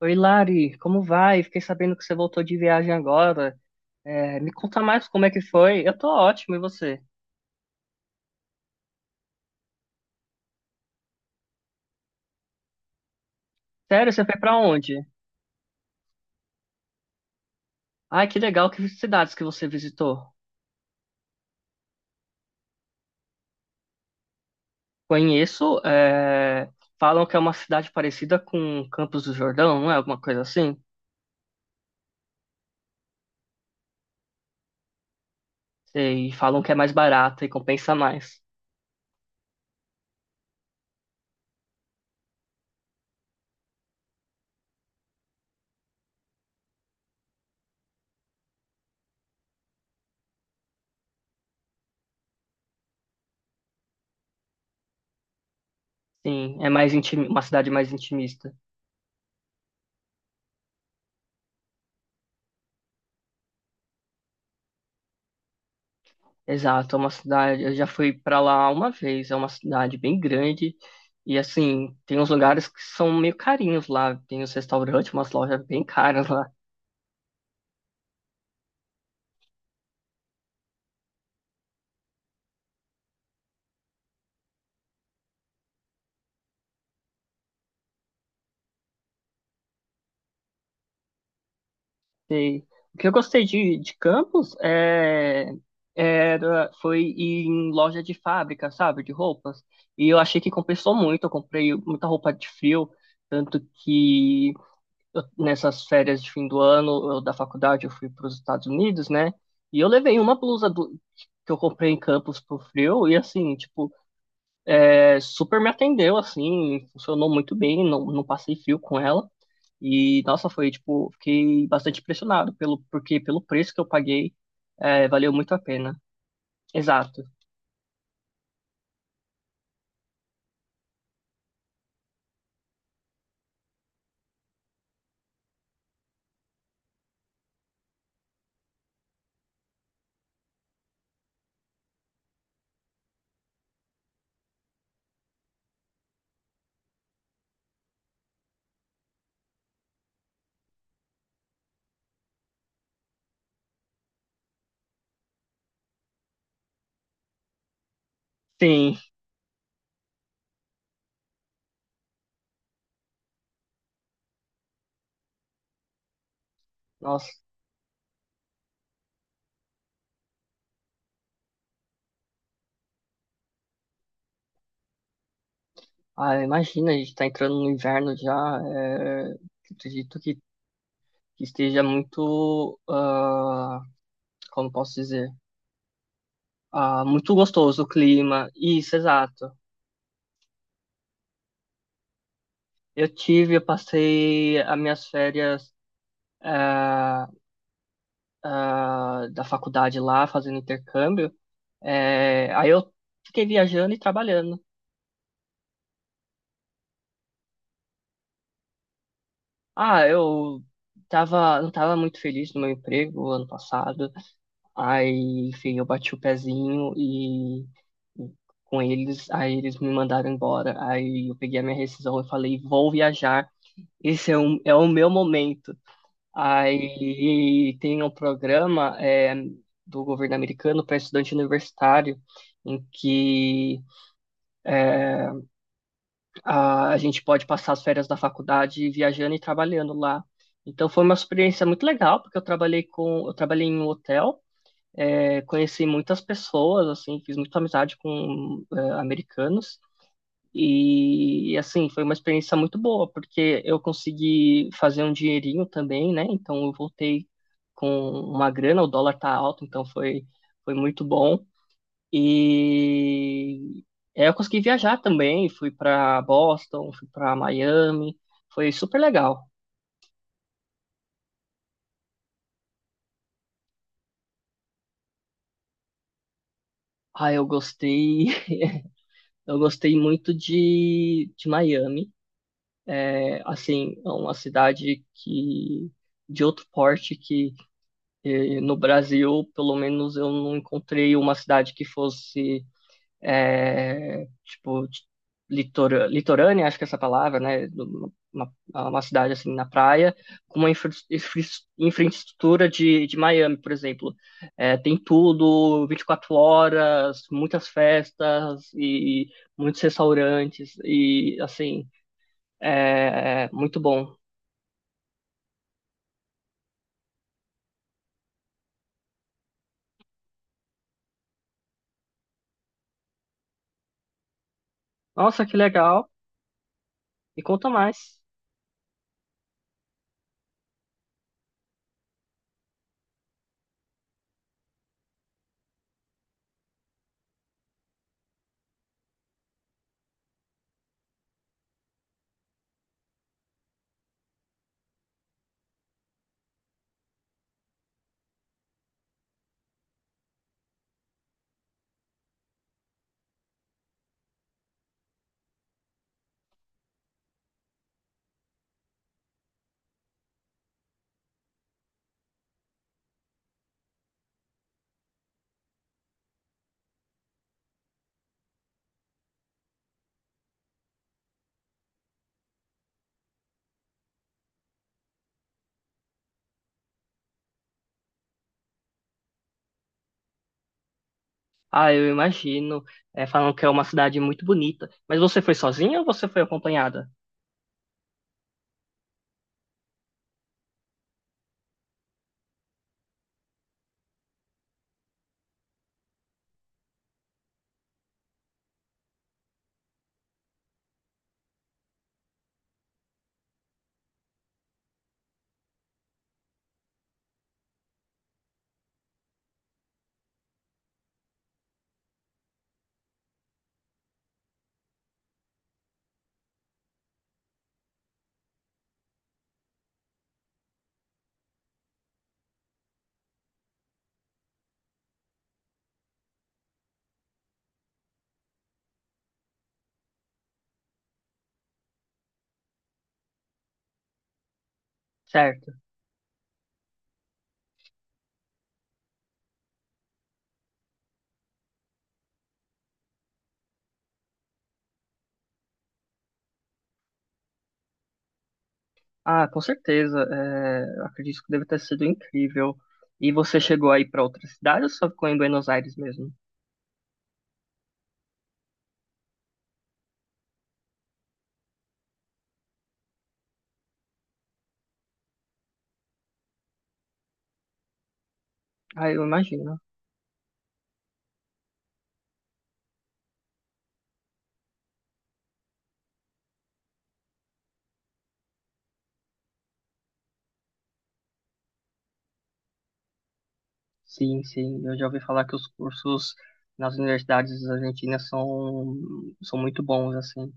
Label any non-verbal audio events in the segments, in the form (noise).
Oi, Lari, como vai? Fiquei sabendo que você voltou de viagem agora. Me conta mais como é que foi. Eu tô ótimo, e você? Sério, você foi pra onde? Ai, que legal, que cidades que você visitou. Conheço, falam que é uma cidade parecida com Campos do Jordão, não é? Alguma coisa assim? E falam que é mais barata e compensa mais. Sim, é mais uma cidade mais intimista. Exato, é uma cidade. Eu já fui para lá uma vez. É uma cidade bem grande e assim tem uns lugares que são meio carinhos lá. Tem os restaurantes, umas lojas bem caras lá. E o que eu gostei de Campos era foi ir em loja de fábrica, sabe, de roupas. E eu achei que compensou muito. Eu comprei muita roupa de frio, tanto que nessas férias de fim do ano da faculdade, eu fui para os Estados Unidos, né? E eu levei uma que eu comprei em Campos pro frio e assim, tipo, super me atendeu, assim, funcionou muito bem, não passei frio com ela. E nossa, foi tipo, fiquei bastante impressionado pelo preço que eu paguei, valeu muito a pena. Exato. Sim. Nossa, ah, imagina, a gente tá entrando no inverno já, acredito que esteja muito, ah, como posso dizer? Ah, muito gostoso o clima. Isso, exato. Eu tive, eu passei as minhas férias ah, da faculdade lá, fazendo intercâmbio. Aí eu fiquei viajando e trabalhando. Ah, eu tava, não tava muito feliz no meu emprego ano passado. Aí, enfim, eu bati o pezinho e com eles, aí eles me mandaram embora. Aí eu peguei a minha rescisão e falei, vou viajar. Esse é, um, é o meu momento. Aí tem um programa do governo americano para estudante universitário, em que é, a gente pode passar as férias da faculdade viajando e trabalhando lá. Então foi uma experiência muito legal, porque eu trabalhei em um hotel, conheci muitas pessoas, assim, fiz muita amizade com americanos e assim, foi uma experiência muito boa, porque eu consegui fazer um dinheirinho também, né? Então eu voltei com uma grana, o dólar tá alto, então foi muito bom. E eu consegui viajar também, fui para Boston, fui para Miami, foi super legal. Ah, eu gostei, (laughs) eu gostei muito de Miami. É, assim, é uma cidade que de outro porte que e no Brasil, pelo menos, eu não encontrei uma cidade que fosse, tipo, litorânea, acho que é essa palavra, né? Uma cidade assim na praia, com uma infraestrutura de Miami, por exemplo. É, tem tudo, 24 horas, muitas festas e muitos restaurantes, e assim, é muito bom. Nossa, que legal! Me conta mais. Ah, eu imagino. É, falam que é uma cidade muito bonita. Mas você foi sozinha ou você foi acompanhada? Certo. Ah, com certeza. É, eu acredito que deve ter sido incrível. E você chegou aí para outra cidade ou só ficou em Buenos Aires mesmo? Ah, eu imagino. Sim, sim. Eu já ouvi falar que os cursos nas universidades argentinas são muito bons, assim.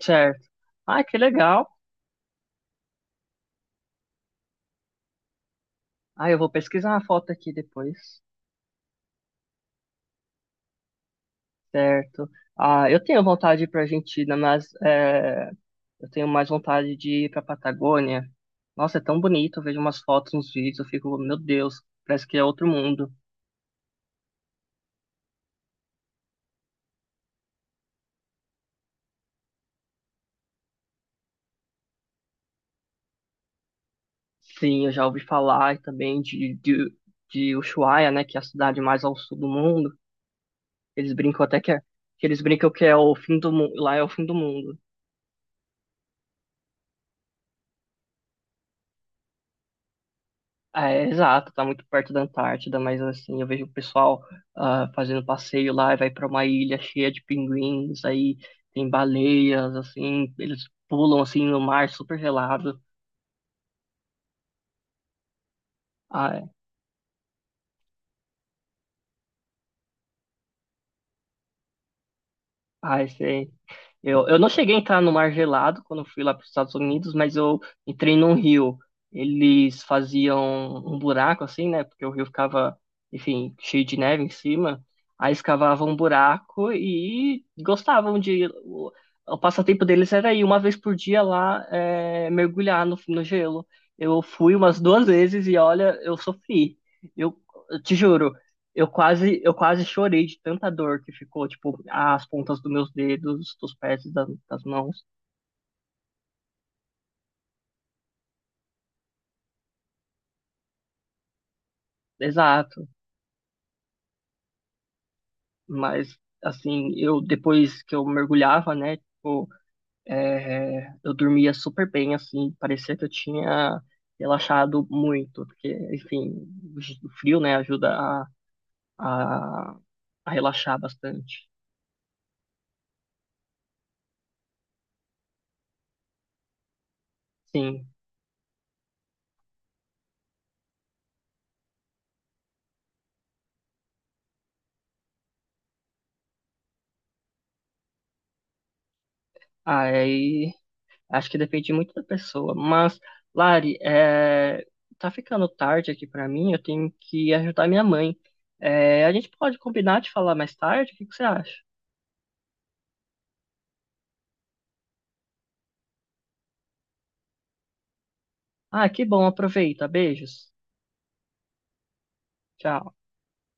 Certo. Ah, que legal. Ah, eu vou pesquisar a foto aqui depois. Certo. Ah, eu tenho vontade de ir para Argentina, mas é, eu tenho mais vontade de ir pra Patagônia. Nossa, é tão bonito. Eu vejo umas fotos, uns vídeos, eu fico, meu Deus, parece que é outro mundo. Sim, eu já ouvi falar também de Ushuaia, né, que é a cidade mais ao sul do mundo. Eles brincam até que, é, que eles brincam que é o fim do mundo, lá é o fim do mundo. É, exato, tá muito perto da Antártida, mas assim, eu vejo o pessoal ah, fazendo passeio lá e vai para uma ilha cheia de pinguins, aí tem baleias, assim, eles pulam assim no mar super gelado. Ah, ai, sei. Eu não cheguei a entrar no mar gelado quando eu fui lá para os Estados Unidos, mas eu entrei num rio. Eles faziam um buraco assim, né? Porque o rio ficava, enfim, cheio de neve em cima. Aí escavavam um buraco e gostavam de. O passatempo deles era ir uma vez por dia lá mergulhar no gelo. Eu fui umas duas vezes e olha, eu sofri. Eu, eu te juro. Eu quase chorei de tanta dor que ficou, tipo, as pontas dos meus dedos, dos pés e das mãos. Exato. Mas, assim, eu depois que eu mergulhava, né, tipo, eu dormia super bem, assim, parecia que eu tinha relaxado muito, porque, enfim, o frio, né, ajuda a, a relaxar bastante. Sim. Aí. Acho que depende muito da pessoa. Mas, Lari, tá ficando tarde aqui pra mim, eu tenho que ajudar minha mãe. É, a gente pode combinar de falar mais tarde? O que que você acha? Ah, que bom, aproveita. Beijos. Tchau.